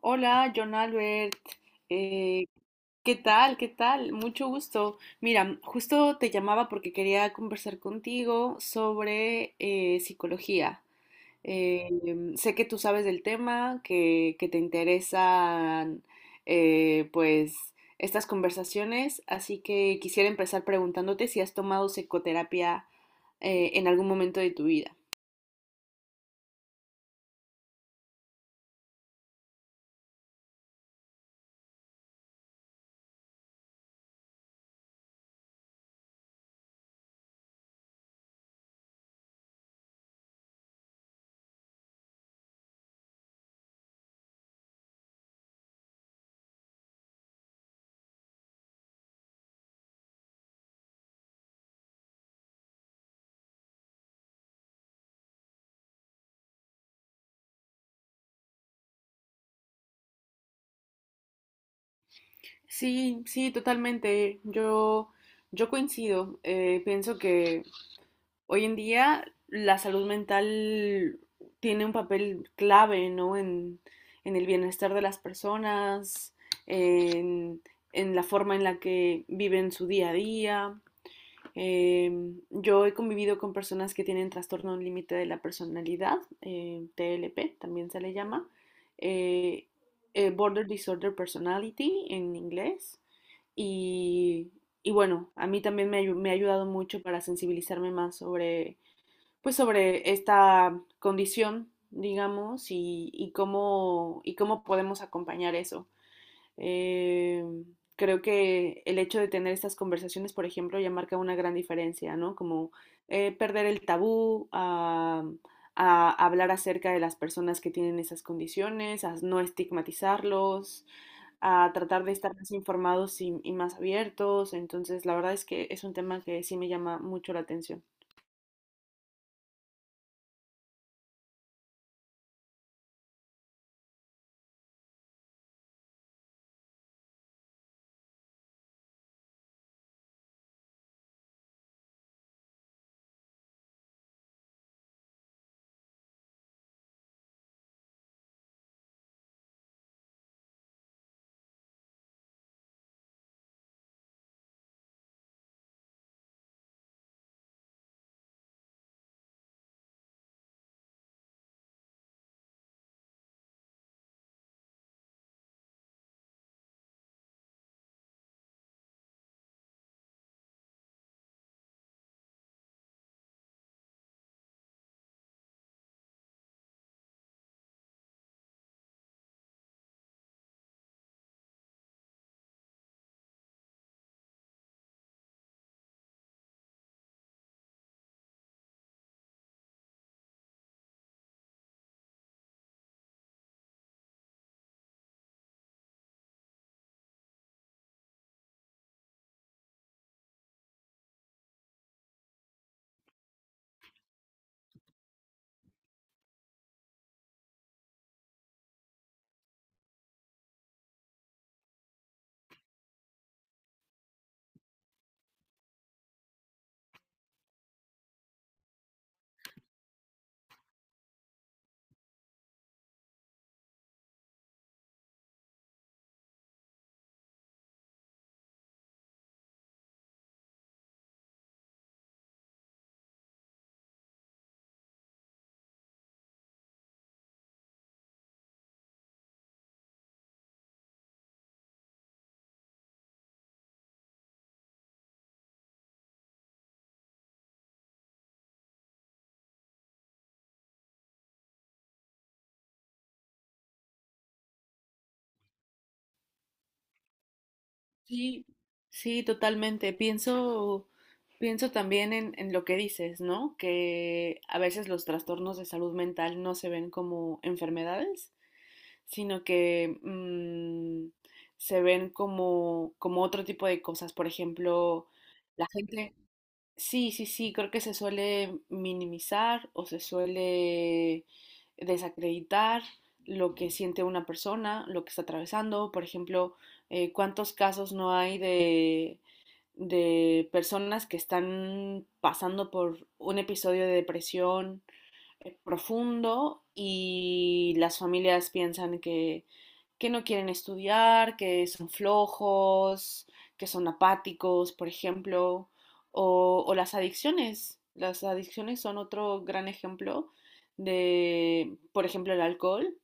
Hola, John Albert. Eh, ¿Qué tal? ¿Qué tal? Mucho gusto. Mira, justo te llamaba porque quería conversar contigo sobre psicología. Sé que tú sabes del tema, que te interesan eh, pues estas conversaciones, así que quisiera empezar preguntándote si has tomado psicoterapia en algún momento de tu vida. Sí, sí, totalmente. Yo coincido. Pienso que hoy en día la salud mental tiene un papel clave, ¿no? En el bienestar de las personas, en, en la forma en la que viven su día a día. Eh, yo he convivido con personas que tienen trastorno límite de la personalidad, TLP también se le llama, eh, Border Disorder Personality en inglés. Y, y bueno, a mí también me ha ayudado mucho para sensibilizarme más sobre pues sobre esta condición, digamos, y cómo podemos acompañar eso. Eh, creo que el hecho de tener estas conversaciones, por ejemplo, ya marca una gran diferencia, ¿no? Como perder el tabú a hablar acerca de las personas que tienen esas condiciones, a no estigmatizarlos, a tratar de estar más informados y más abiertos. Entonces, la verdad es que es un tema que sí me llama mucho la atención. Sí, sí, totalmente. Pienso también en lo que dices, ¿no? Que a veces los trastornos de salud mental no se ven como enfermedades, sino que se ven como, como otro tipo de cosas. Por ejemplo, la gente, sí, sí, sí, creo que se suele minimizar o se suele desacreditar lo que siente una persona, lo que está atravesando. Por ejemplo, ¿cuántos casos no hay de personas que están pasando por un episodio de depresión profundo y las familias piensan que no quieren estudiar, que son flojos, que son apáticos, por ejemplo, o las adicciones. Las adicciones son otro gran ejemplo de, por ejemplo, el alcohol,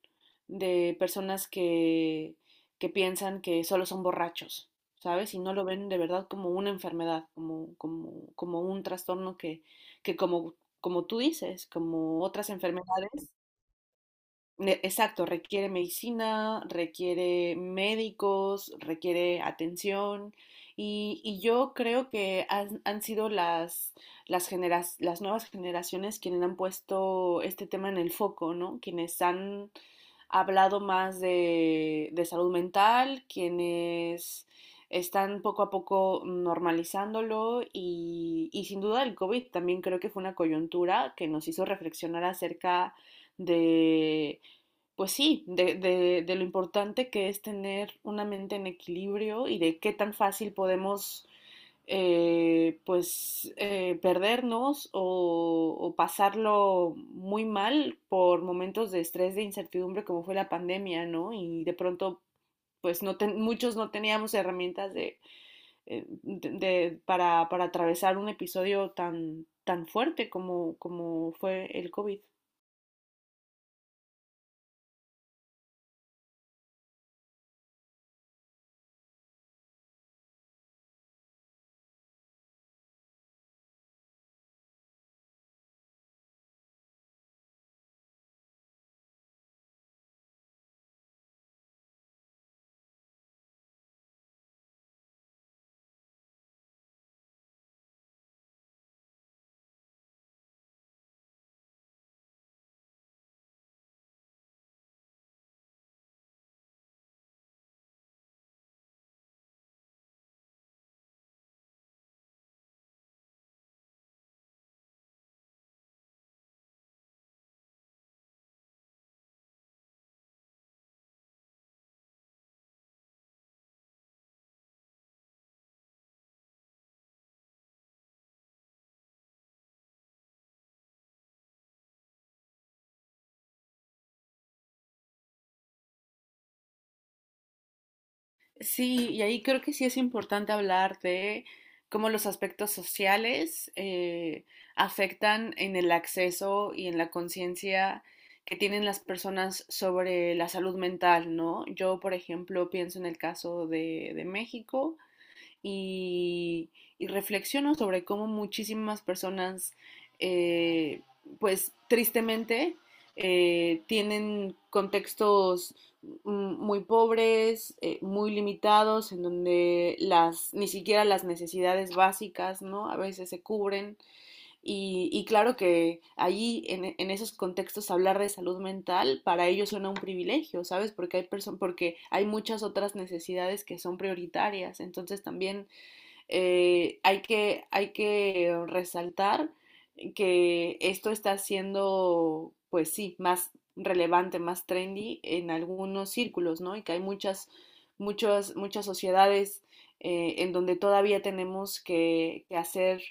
de personas que piensan que solo son borrachos, ¿sabes? Y no lo ven de verdad como una enfermedad, como, como, como un trastorno que como como tú dices, como otras enfermedades. Exacto, requiere medicina, requiere médicos, requiere atención y yo creo que han sido las nuevas generaciones quienes han puesto este tema en el foco, ¿no? Quienes han hablado más de salud mental, quienes están poco a poco normalizándolo y sin duda el COVID también creo que fue una coyuntura que nos hizo reflexionar acerca de pues sí, de lo importante que es tener una mente en equilibrio y de qué tan fácil podemos perdernos pasarlo muy mal por momentos de estrés, de incertidumbre como fue la pandemia, ¿no? Y de pronto pues muchos no teníamos herramientas de, para atravesar un episodio tan fuerte como, como fue el COVID. Sí, y ahí creo que sí es importante hablar de cómo los aspectos sociales afectan en el acceso y en la conciencia que tienen las personas sobre la salud mental, ¿no? Yo, por ejemplo, pienso en el caso de México, y, y reflexiono sobre cómo muchísimas personas, eh, pues tristemente, tienen contextos muy pobres, muy limitados, en donde ni siquiera las necesidades básicas, ¿no? A veces se cubren. Y claro que allí, esos contextos, hablar de salud mental para ellos suena un privilegio, ¿sabes? Porque porque hay muchas otras necesidades que son prioritarias. Entonces también hay que resaltar que esto está siendo, pues sí, más relevante, más trendy en algunos círculos, ¿no? Y que hay muchas, muchas, muchas sociedades en donde todavía tenemos que hacer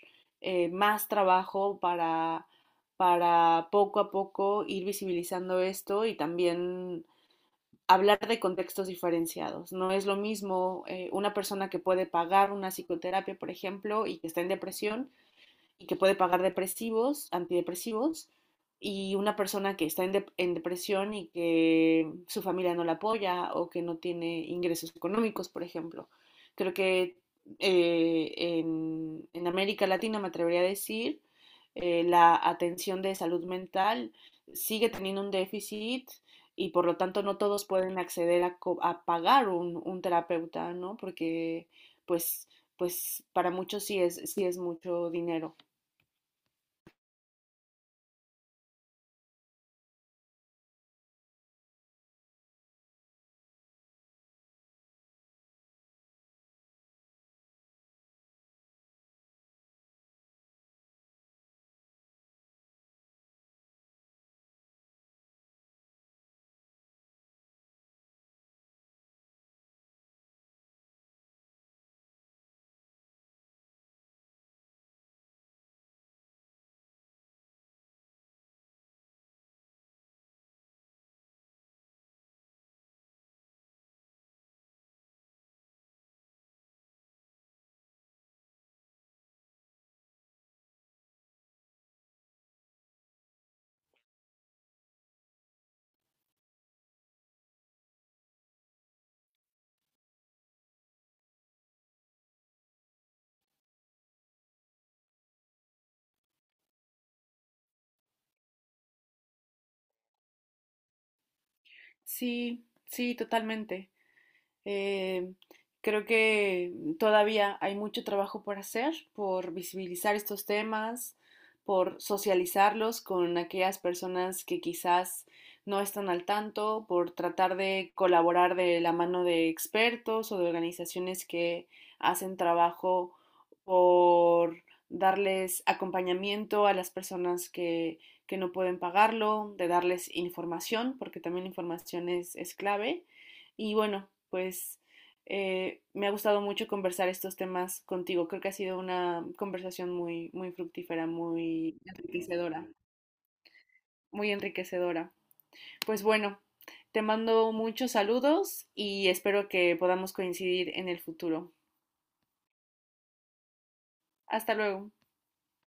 más trabajo para poco a poco ir visibilizando esto y también hablar de contextos diferenciados. No es lo mismo una persona que puede pagar una psicoterapia, por ejemplo, y que está en depresión y que puede pagar depresivos, antidepresivos, y una persona que está en, de en depresión y que su familia no la apoya o que no tiene ingresos económicos, por ejemplo. Creo que en América Latina me atrevería a decir la atención de salud mental sigue teniendo un déficit y por lo tanto no todos pueden acceder a pagar un terapeuta, ¿no? Porque pues, pues para muchos sí es mucho dinero. Sí, sí, totalmente. Eh, creo que todavía hay mucho trabajo por hacer, por visibilizar estos temas, por socializarlos con aquellas personas que quizás no están al tanto, por tratar de colaborar de la mano de expertos o de organizaciones que hacen trabajo por darles acompañamiento a las personas que no pueden pagarlo, de darles información, porque también la información es clave. Y bueno, pues me ha gustado mucho conversar estos temas contigo. Creo que ha sido una conversación muy, muy fructífera, muy enriquecedora. Pues bueno, te mando muchos saludos y espero que podamos coincidir en el futuro. Hasta luego.